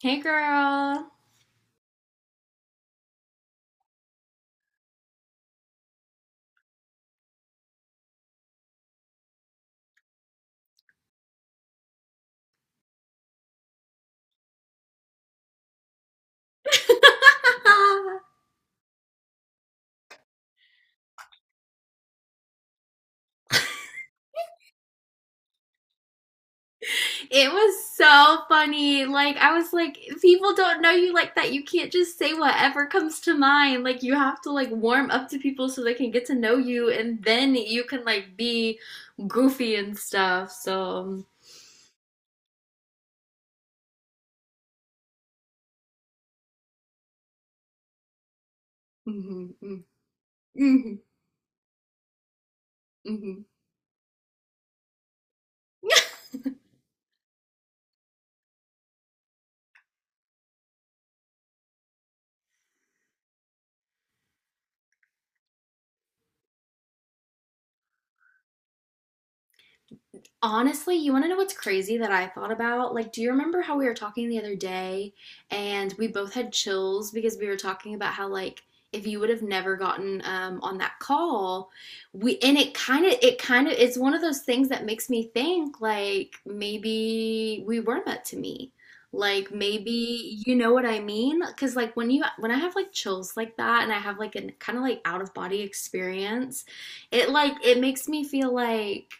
Hey girl. It was so funny. I was like, people don't know you like that. You can't just say whatever comes to mind. Like you have to like warm up to people so they can get to know you and then you can like be goofy and stuff. So mhm, mhm, mhm, mhm. Honestly, you want to know what's crazy that I thought about? Like, do you remember how we were talking the other day and we both had chills because we were talking about how, like, if you would have never gotten on that call, we and it kind of it's one of those things that makes me think like maybe we were meant to meet. Like, maybe, you know what I mean? Because like when you, when I have like chills like that and I have like a kind of like out of body experience, it, like, it makes me feel like,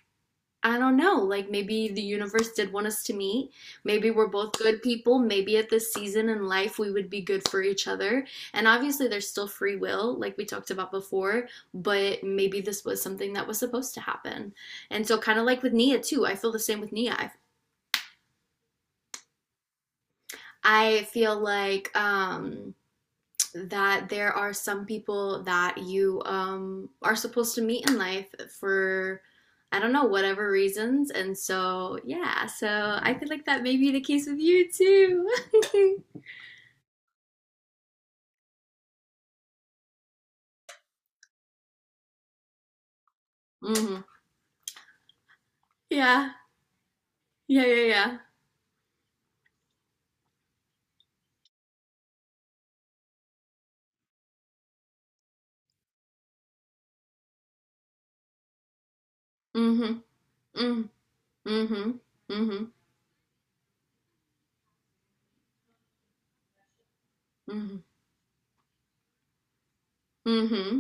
I don't know. Like maybe the universe did want us to meet. Maybe we're both good people. Maybe at this season in life we would be good for each other. And obviously there's still free will like we talked about before, but maybe this was something that was supposed to happen. And so kind of like with Nia too. I feel the same with Nia. I feel like that there are some people that you, are supposed to meet in life for, I don't know, whatever reasons, and so yeah, so I feel like that may be the case with you too. hmm. Yeah, yeah, yeah, yeah. Mm-hmm. Mm-hmm. Mm-hmm. Mm-hmm. Mm-hmm. Mm-hmm.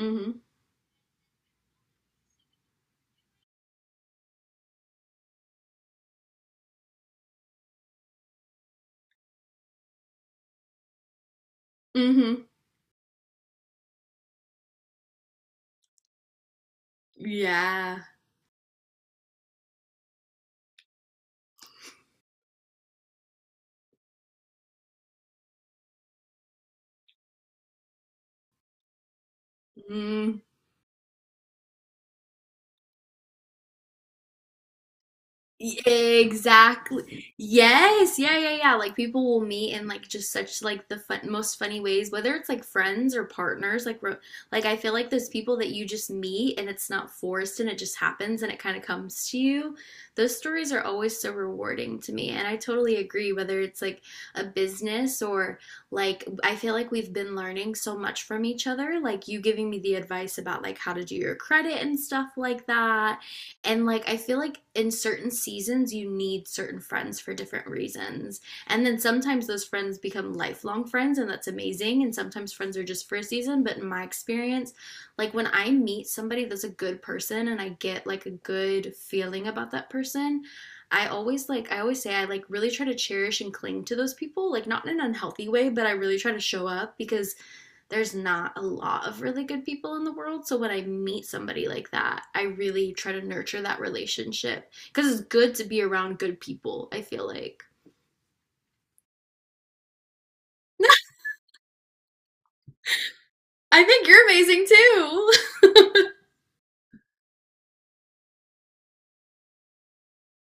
Mm-hmm. Mm-hmm. Yeah. Mm-hmm. Exactly. Yes. Yeah, yeah, yeah. Like people will meet in like just such like the fun most funny ways, whether it's like friends or partners, like ro, like I feel like those people that you just meet and it's not forced and it just happens and it kind of comes to you. Those stories are always so rewarding to me. And I totally agree, whether it's like a business or like I feel like we've been learning so much from each other, like you giving me the advice about like how to do your credit and stuff like that, and like I feel like in certain seasons you need certain friends for different reasons. And then sometimes those friends become lifelong friends and that's amazing, and sometimes friends are just for a season, but in my experience, like when I meet somebody that's a good person and I get like a good feeling about that person, I always say I like really try to cherish and cling to those people, like not in an unhealthy way, but I really try to show up because there's not a lot of really good people in the world. So when I meet somebody like that, I really try to nurture that relationship because it's good to be around good people, I feel like. I think you're amazing too.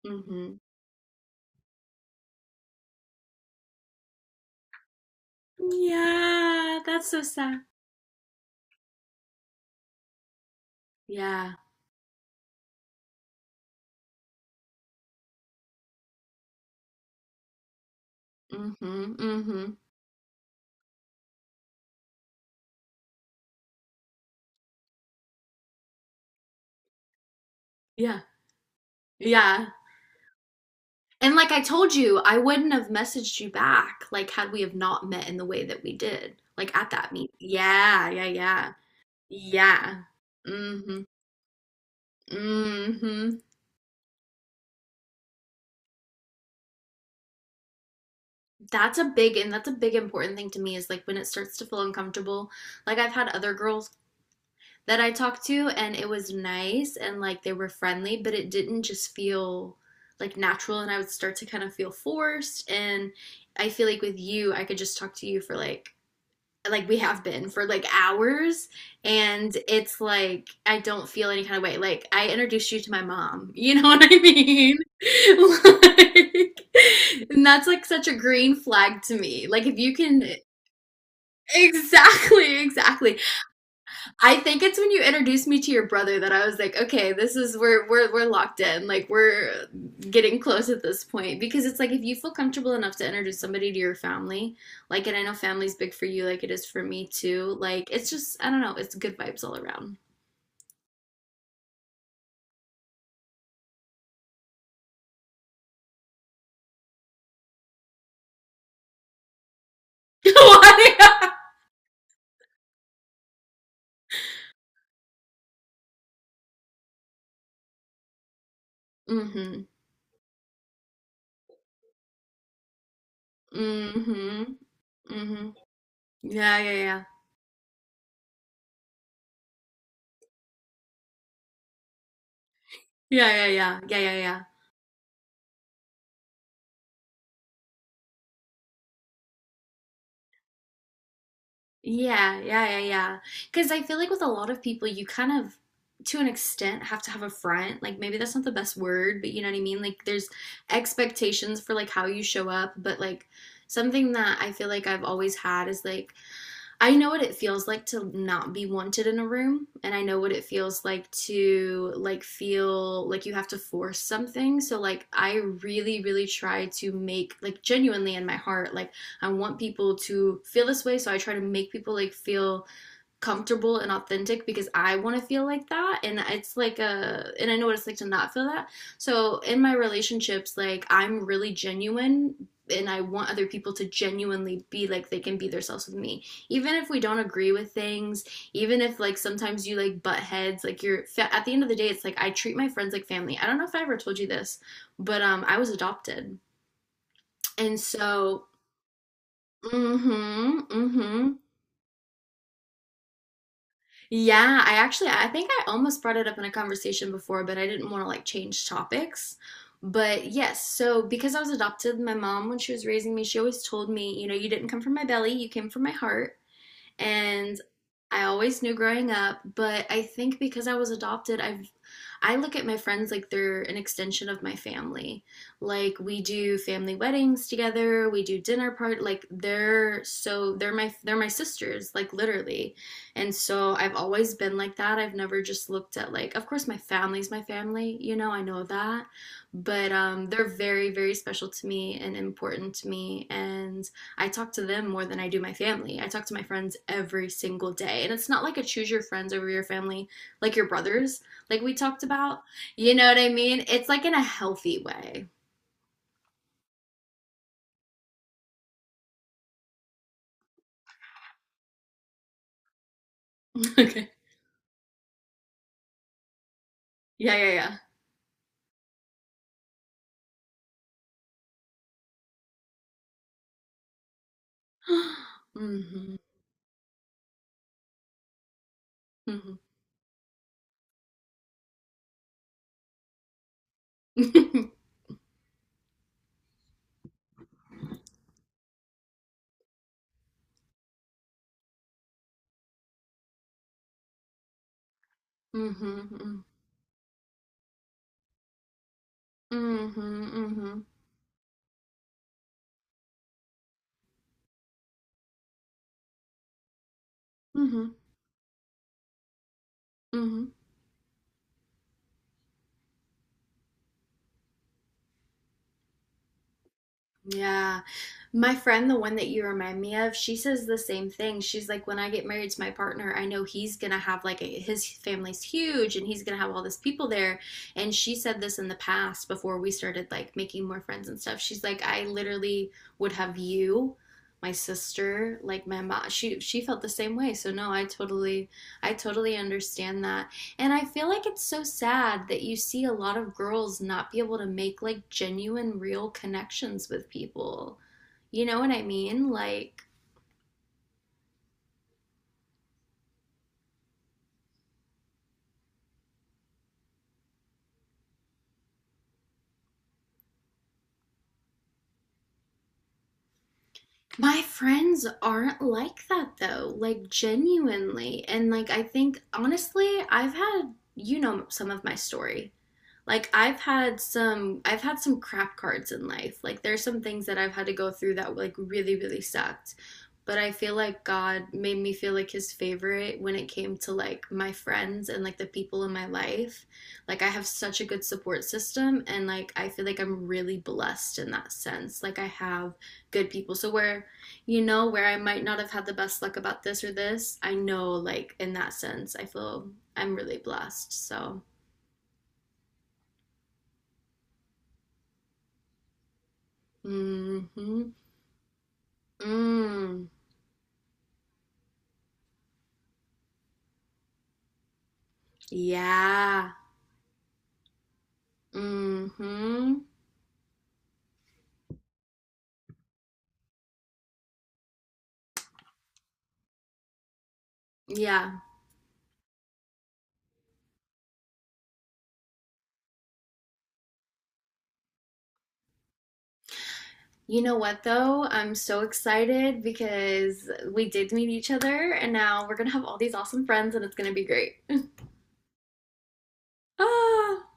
hmm. Yeah, that's so sad. Yeah. hmm hmm. Yeah. Yeah. And like I told you, I wouldn't have messaged you back, like had we have not met in the way that we did, like at that meet. Yeah, yeah, yeah. Yeah. Mhm. Mhm. That's a big important thing to me, is like when it starts to feel uncomfortable. Like I've had other girls that I talked to and it was nice and like they were friendly, but it didn't just feel like natural, and I would start to kind of feel forced. And I feel like with you I could just talk to you for like we have been for like hours, and it's like I don't feel any kind of way. Like I introduced you to my mom. You know what I mean? Like and that's like such a green flag to me. Like if you can, exactly, exactly. I think it's when you introduced me to your brother that I was like, okay, this is, we're locked in. Like we're getting close at this point, because it's like if you feel comfortable enough to introduce somebody to your family, like, and I know family's big for you like it is for me too. Like it's just, I don't know, it's good vibes all around. Why? mhm. Mhm. Mhm. Yeah, yeah, yeah. Yeah, yeah, yeah. Yeah, yeah, yeah. Yeah, yeah, yeah, yeah. Because I feel like with a lot of people, you kind of, to an extent, have to have a front. Like maybe that's not the best word, but you know what I mean? Like there's expectations for like how you show up, but like something that I feel like I've always had is like I know what it feels like to not be wanted in a room, and I know what it feels like to like feel like you have to force something. So like I really really try to make, like genuinely in my heart, like I want people to feel this way, so I try to make people like feel comfortable and authentic, because I want to feel like that, and it's like a, and I know what it's like to not feel that. So in my relationships, like I'm really genuine, and I want other people to genuinely be like they can be themselves with me. Even if we don't agree with things, even if like sometimes you like butt heads, like you're at the end of the day, it's like I treat my friends like family. I don't know if I ever told you this, but I was adopted. And so mhm mhm. Yeah, I think I almost brought it up in a conversation before, but I didn't want to like change topics. But yes, so because I was adopted, my mom, when she was raising me, she always told me, you know, you didn't come from my belly, you came from my heart. And I always knew growing up, but I think because I was adopted, I look at my friends like they're an extension of my family. Like we do family weddings together, we do dinner part, like they're so, they're my, they're my sisters, like literally. And so I've always been like that. I've never just looked at, like of course my family's my family, you know, I know that, but they're very very special to me and important to me, and I talk to them more than I do my family. I talk to my friends every single day. And it's not like a choose your friends over your family, like your brothers, like we talked about. You know what I mean? It's like in a healthy way. Okay. Yeah, yeah, yeah. mm-hmm. Mm-hmm. Mm-hmm. Mm-hmm. Mm-hmm. Mm-hmm. Mm-hmm. Yeah. My friend, the one that you remind me of, she says the same thing. She's like, when I get married to my partner, I know he's gonna have like a, his family's huge and he's gonna have all this people there. And she said this in the past before we started like making more friends and stuff. She's like, I literally would have you, my sister, like my mom. She felt the same way. So no, I totally understand that. And I feel like it's so sad that you see a lot of girls not be able to make like genuine, real connections with people. You know what I mean? Like, my friends aren't like that though, like genuinely. And like I think honestly, I've had, you know, some of my story. Like I've had some crap cards in life. Like there's some things that I've had to go through that like really really sucked. But I feel like God made me feel like his favorite when it came to like my friends and like the people in my life. Like I have such a good support system, and like I feel like I'm really blessed in that sense. Like I have good people. So where, you know, where I might not have had the best luck about this or this, I know like in that sense I feel I'm really blessed. So mm-hmm. Mm, yeah. Mm-hmm. Yeah. You know what though? I'm so excited because we did meet each other and now we're gonna have all these awesome friends and it's gonna be great. Ah.